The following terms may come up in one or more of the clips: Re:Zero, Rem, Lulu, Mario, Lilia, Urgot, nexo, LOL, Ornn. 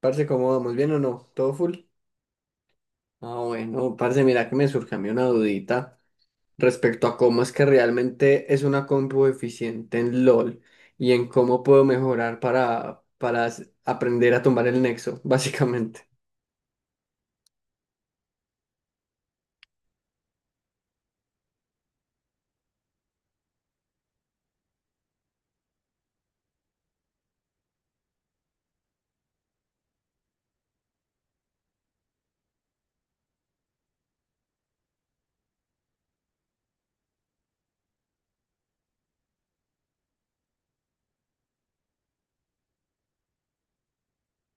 Parce, ¿cómo vamos? ¿Bien o no? ¿Todo full? Ah, bueno, parce, mira que me surge a mí una dudita respecto a cómo es que realmente es una compu eficiente en LOL y en cómo puedo mejorar para aprender a tumbar el nexo, básicamente.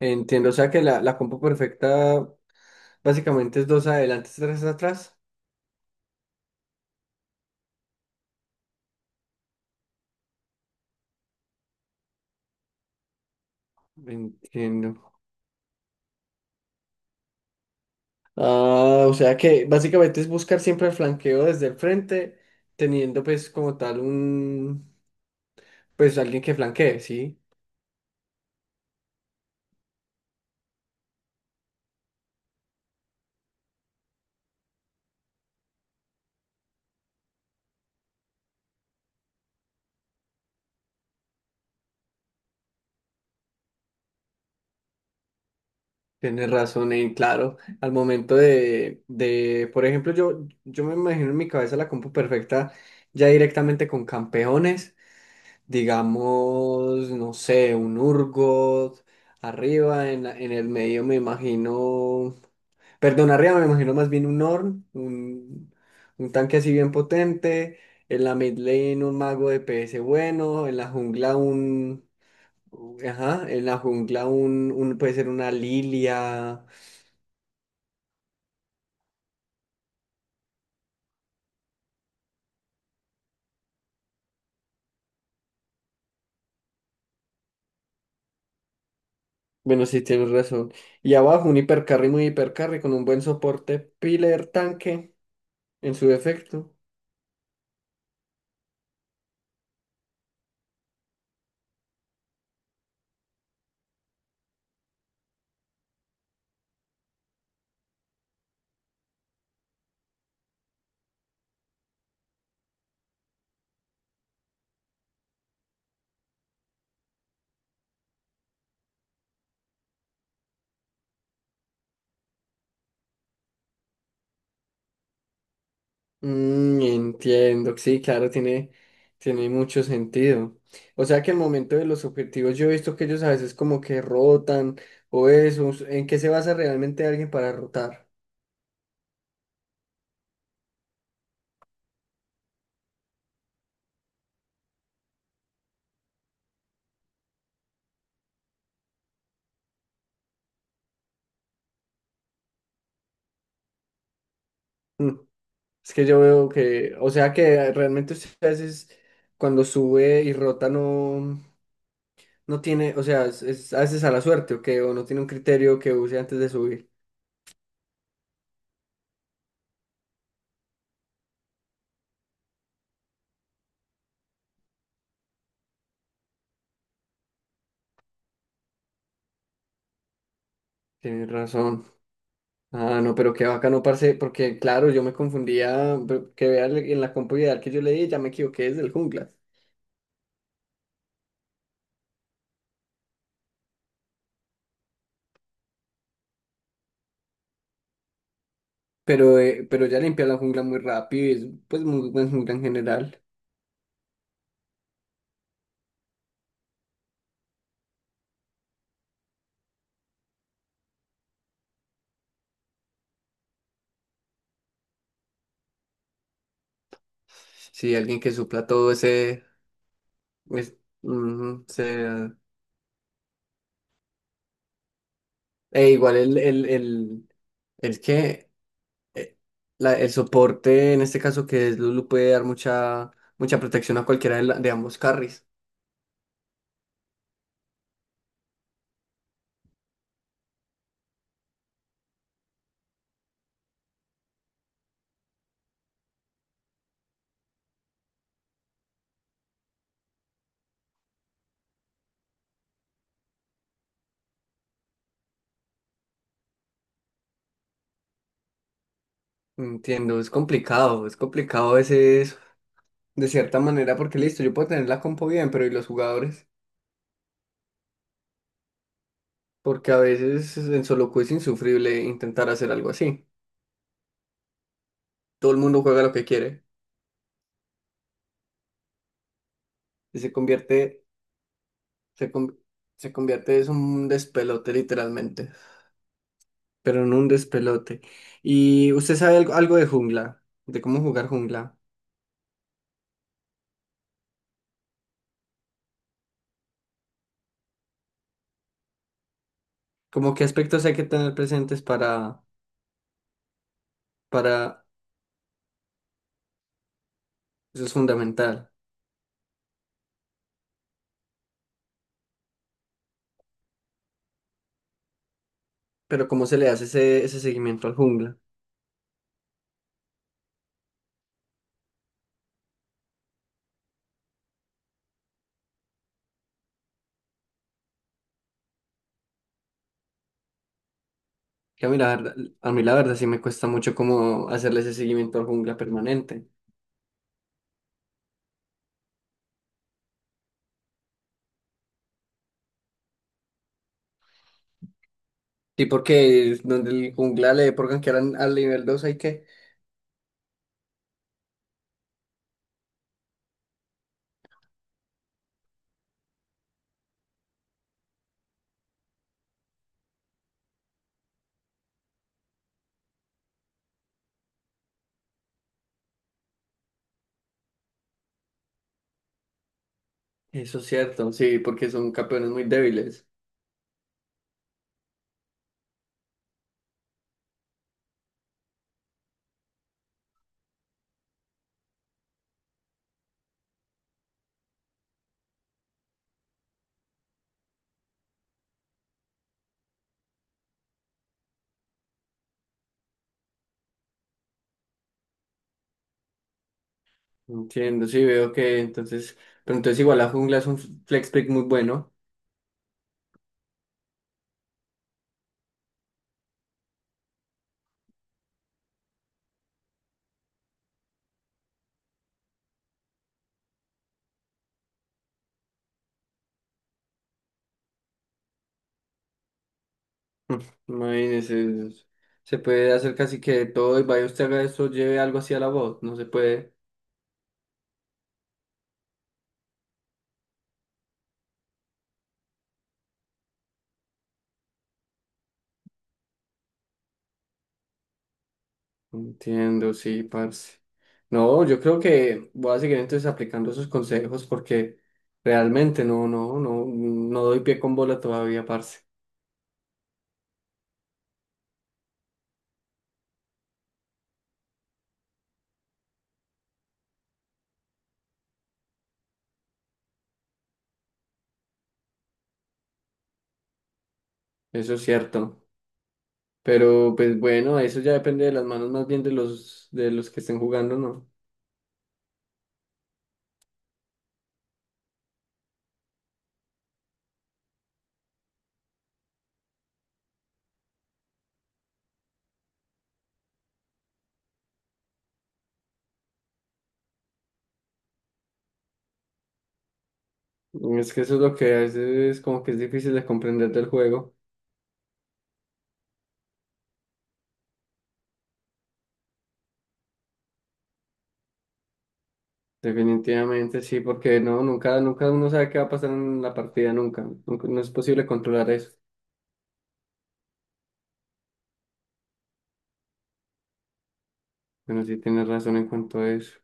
Entiendo, o sea que la compu perfecta básicamente es dos adelante, tres atrás. Entiendo. Ah, o sea que básicamente es buscar siempre el flanqueo desde el frente, teniendo pues como tal pues alguien que flanquee, ¿sí? Tienes razón, claro, al momento de, por ejemplo, yo me imagino en mi cabeza la compu perfecta ya directamente con campeones, digamos, no sé, un Urgot, arriba, en el medio me imagino, perdón, arriba me imagino más bien un Ornn, un tanque así bien potente, en la mid lane un mago de PS bueno, en la jungla ajá, en la jungla un puede ser una Lilia. Bueno, sí, tienes razón. Y abajo un hipercarry muy hipercarry con un buen soporte piler tanque en su defecto. Entiendo, sí, claro, tiene mucho sentido. O sea que al momento de los objetivos yo he visto que ellos a veces como que rotan o eso. ¿En qué se basa realmente alguien para rotar? Mm, es que yo veo que, o sea que realmente usted a veces cuando sube y rota no, no tiene, o sea, es a veces a la suerte o que o no tiene un criterio que use antes de subir. Tienes razón. Ah, no, pero qué bacano, parce, porque claro, yo me confundía, pero que vea en la compu ideal que yo leí, ya me equivoqué desde el jungla. Pero ya limpia la jungla muy rápido y es pues muy buen jungla en general. Sí, alguien que supla todo ese... es- ujú. E igual el eh, el soporte, en este caso que es Lulu, puede dar mucha, mucha protección a cualquiera de ambos carries. Entiendo, es complicado ese de cierta manera, porque listo, yo puedo tener la compo bien, pero ¿y los jugadores? Porque a veces en solo queue es insufrible intentar hacer algo así. Todo el mundo juega lo que quiere y se convierte, se, con- se convierte es un despelote literalmente, pero en un despelote. ¿Y usted sabe algo de jungla? ¿De cómo jugar jungla? ¿Como qué aspectos hay que tener presentes para, para, eso es fundamental, pero cómo se le hace ese seguimiento al jungla? Que a mí la verdad sí me cuesta mucho como hacerle ese seguimiento al jungla permanente. Sí, porque es donde el jungla le pongan que eran al nivel 2 hay que. Eso es cierto, sí, porque son campeones muy débiles. Entiendo, sí, veo que entonces. Pero entonces igual la jungla es un flex pick muy bueno. Imagínese, se puede hacer casi que de todo y vaya usted haga eso, lleve algo así a la voz, no se puede. Entiendo, sí, parce. No, yo creo que voy a seguir entonces aplicando esos consejos porque realmente no, no, no, no doy pie con bola todavía, parce. Eso es cierto. Pero pues bueno, eso ya depende de las manos más bien de los que estén jugando, ¿no? Es que eso es lo que a veces es como que es difícil de comprender del juego. Definitivamente sí, porque no, nunca, nunca uno sabe qué va a pasar en la partida, nunca. No es posible controlar eso. Bueno, sí tienes razón en cuanto a eso.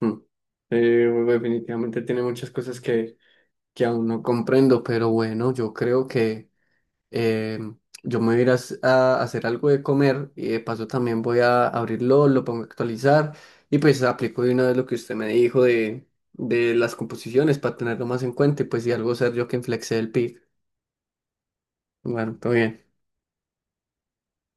Mm. Bueno, definitivamente tiene muchas cosas que aún no comprendo, pero bueno, yo creo que eh, yo me voy a ir a a hacer algo de comer y de paso también voy a abrirlo, lo pongo a actualizar y pues aplico de una vez lo que usted me dijo de las composiciones para tenerlo más en cuenta y pues si algo ser yo que inflexé el PIC. Bueno, todo bien.